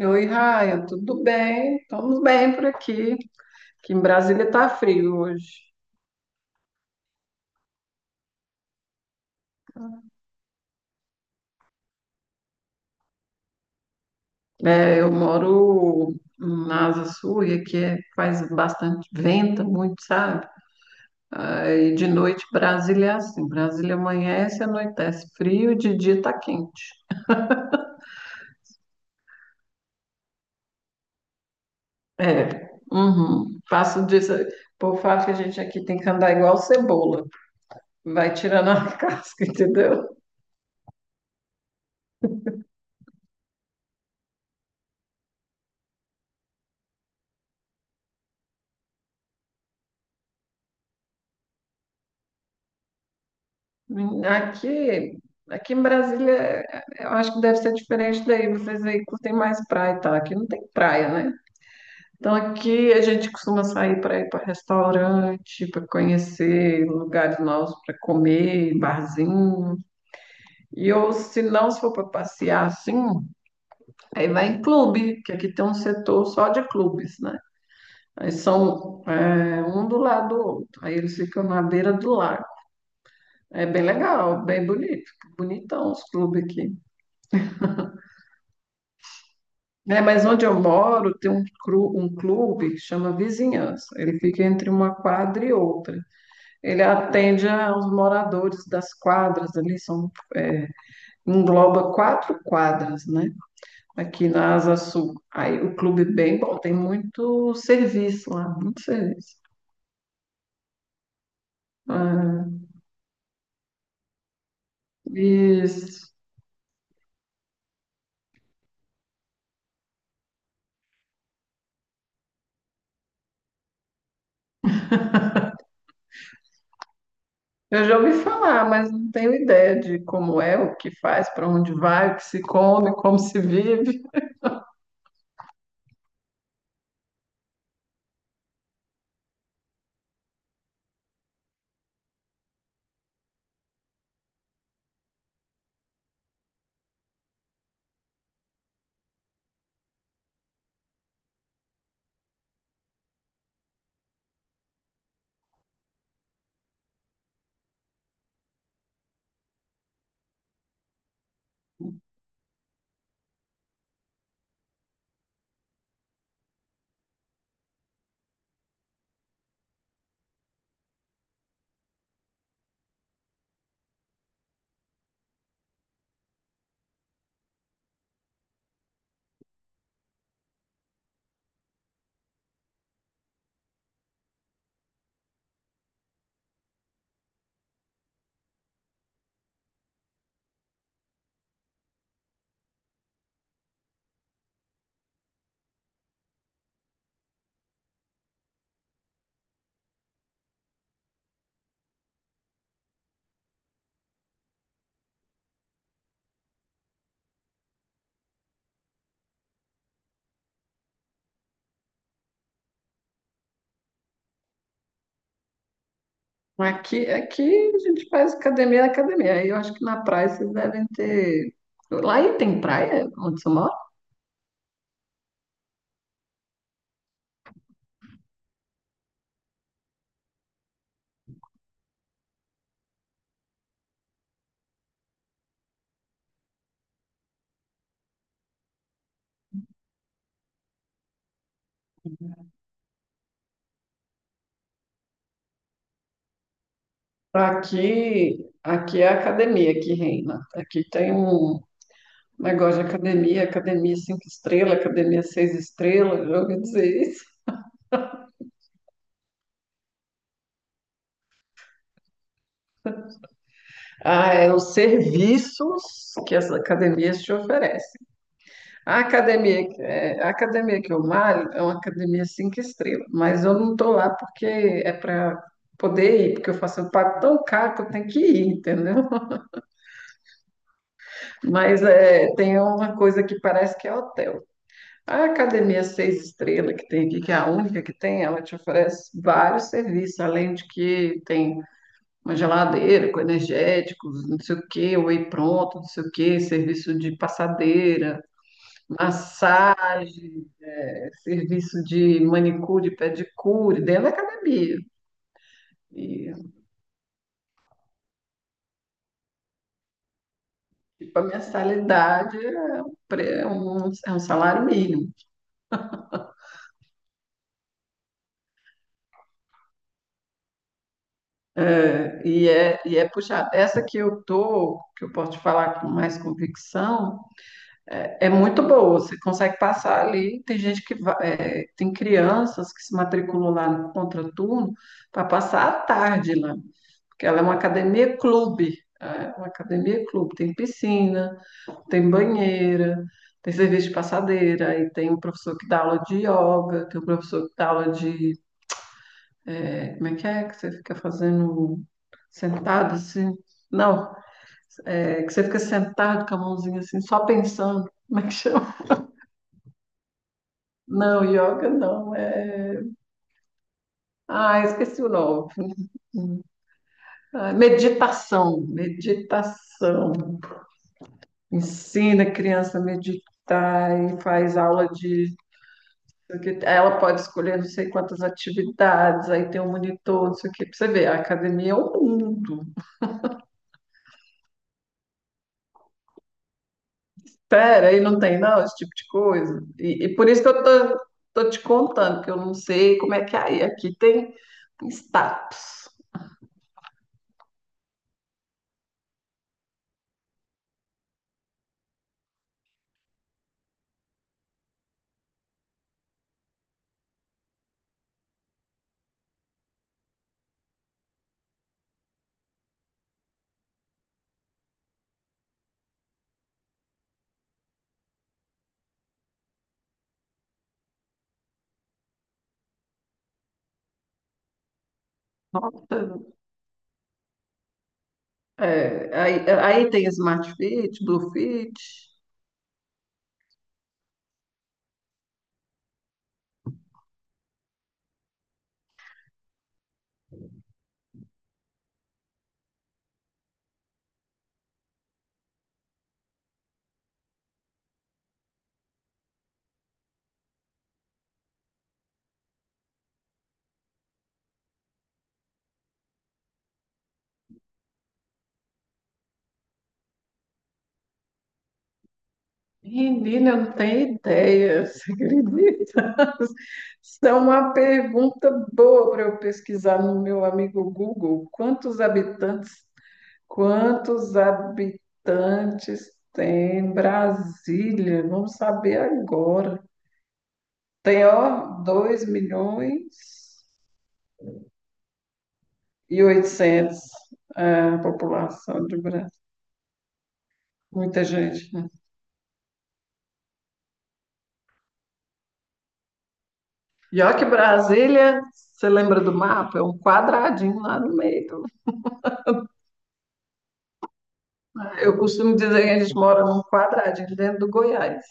Oi, Raia, tudo bem? Estamos bem por aqui. Aqui em Brasília está frio hoje. É, eu moro na Asa Sul e faz bastante vento, muito, sabe? Aí de noite Brasília é assim, Brasília amanhece, anoitece frio e de dia tá quente. É, uhum. Faço disso, o povo fala que a gente aqui tem que andar igual cebola, vai tirando a casca, entendeu? Hum, Aqui, aqui em Brasília, eu acho que deve ser diferente daí. Vocês aí curtem mais praia e tal. Aqui não tem praia, né? Então aqui a gente costuma sair para ir para restaurante, para conhecer lugares novos para comer, barzinho. E ou se não, se for para passear assim, aí vai em clube, que aqui tem um setor só de clubes, né? Aí são um do lado do outro. Aí eles ficam na beira do lago. É bem legal, bem bonito, bonitão os clubes aqui. É, mas onde eu moro tem um clube chama Vizinhança. Ele fica entre uma quadra e outra. Ele atende aos moradores das quadras ali, engloba quatro quadras, né? Aqui na Asa Sul. Aí o clube é bem bom, tem muito serviço lá, muito serviço. Ah, isso. Eu já ouvi falar, mas não tenho ideia de como é, o que faz, para onde vai, o que se come, como se vive. Aqui a gente faz academia na academia. Aí eu acho que na praia vocês devem ter. Lá aí tem praia onde você mora? Aqui é a academia que reina. Aqui tem um negócio de academia, academia cinco estrelas, academia seis estrelas, já ouvi dizer isso. Ah, é os serviços que as academias te oferecem. A academia que eu malho é uma academia cinco estrelas, mas eu não estou lá porque é para poder ir, porque eu pago tão caro que eu tenho que ir, entendeu? Mas é, tem uma coisa que parece que é hotel. A academia seis estrelas que tem aqui, que é a única que tem, ela te oferece vários serviços, além de que tem uma geladeira com energéticos, não sei o quê, whey pronto, não sei o quê, serviço de passadeira, massagem. É, serviço de manicure, pedicure, dentro da academia. E, tipo, a mensalidade é um salário mínimo. É, é puxado. Essa que eu tô, que eu posso te falar com mais convicção, é muito boa. Você consegue passar ali. Tem gente que vai, é, tem crianças que se matriculam lá no contraturno para passar a tarde lá. Porque ela é uma academia clube. É uma academia clube, tem piscina, tem banheira, tem serviço de passadeira, aí tem um professor que dá aula de yoga, tem um professor que dá aula Como é? Que você fica fazendo sentado assim? Não, é que você fica sentado com a mãozinha assim, só pensando. Como é que chama? Não, yoga não, é. Ah, esqueci o nome. Ah, meditação, meditação. Ensina a criança a meditar e faz aula de. Porque ela pode escolher não sei quantas atividades, aí tem um monitor, não sei o quê, pra você ver, a academia é o mundo. Pera, aí não tem não esse tipo de coisa. E por isso que eu tô te contando, que eu não sei como é que é aí. Aqui tem status. Nossa, aí tem Smart Fit, Blue Fit. Menina, eu não tenho ideia, você acredita? Isso é uma pergunta boa para eu pesquisar no meu amigo Google. Quantos habitantes tem Brasília? Vamos saber agora. Tem, ó, 2.800.000 é, a população de Brasília. Muita gente, né? E olha que Brasília, você lembra do mapa? É um quadradinho lá no meio. Eu costumo dizer que a gente mora num quadradinho dentro do Goiás.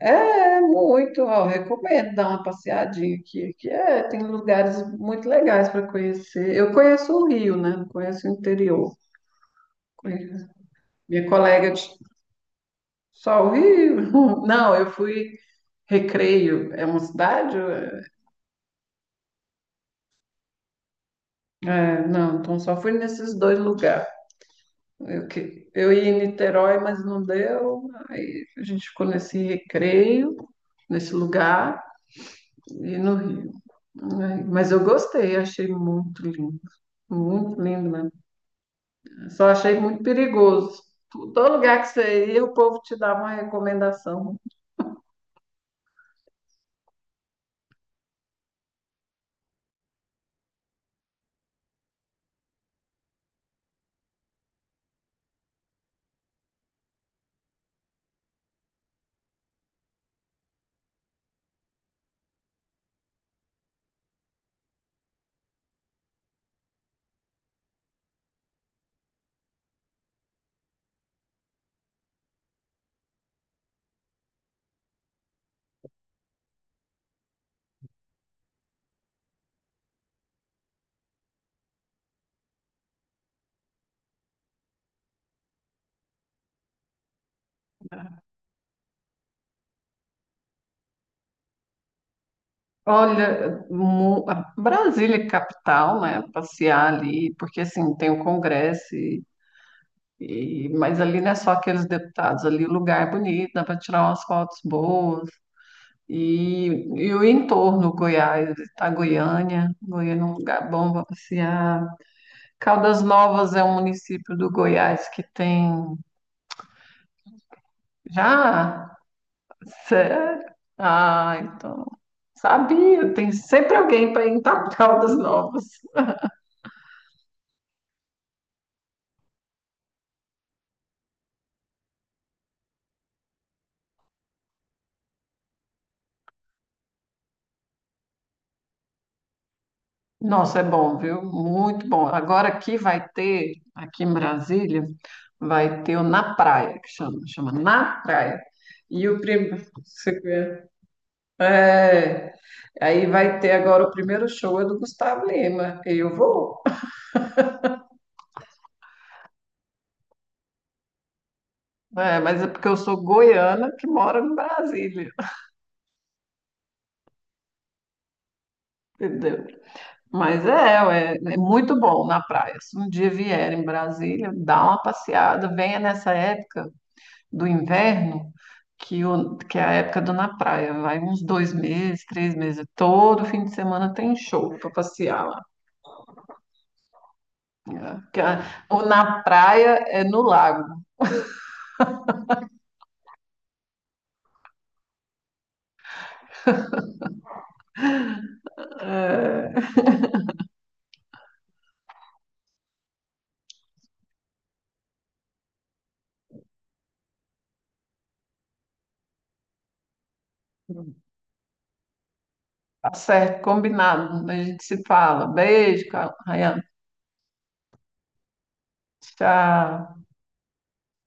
É muito, ó, recomendo dar uma passeadinha aqui, que é, tem lugares muito legais para conhecer. Eu conheço o Rio, né? Não conheço o interior. Conheço- Minha colega de- só o Rio. Não, eu fui Recreio, é uma cidade? Não, então só fui nesses dois lugares. Eu ia em Niterói, mas não deu. Aí a gente ficou nesse Recreio, nesse lugar e no Rio. Ai, mas eu gostei, achei muito lindo. Muito lindo mesmo. Só achei muito perigoso. Todo lugar que você ia, o povo te dava uma recomendação. Olha, a Brasília é capital, né? Passear ali, porque assim, tem o Congresso, mas ali não é só aqueles deputados, ali o lugar é bonito, dá para tirar umas fotos boas. E, e o entorno, Goiás, tá Goiânia, Goiânia é um lugar bom para passear. Caldas Novas é um município do Goiás que tem. Já? Sério? Ah, então. Sabia, tem sempre alguém para ir para Caldas Novas. Nossa, é bom, viu? Muito bom. Agora aqui vai ter, aqui em Brasília, vai ter o Na Praia, que chama Na Praia. E o primeiro. É, aí vai ter agora o primeiro show é do Gustavo Lima. Eu vou. É, mas é porque eu sou goiana que mora em Brasília, entendeu? Mas é, ué, é, muito bom na praia. Se um dia vier em Brasília, dá uma passeada, venha nessa época do inverno, que é a época do na praia. Vai uns 2 meses, 3 meses, todo fim de semana tem show para passear lá. É, o na praia é no lago. É, tá certo, combinado. A gente se fala. Beijo, Rayane. Tchau.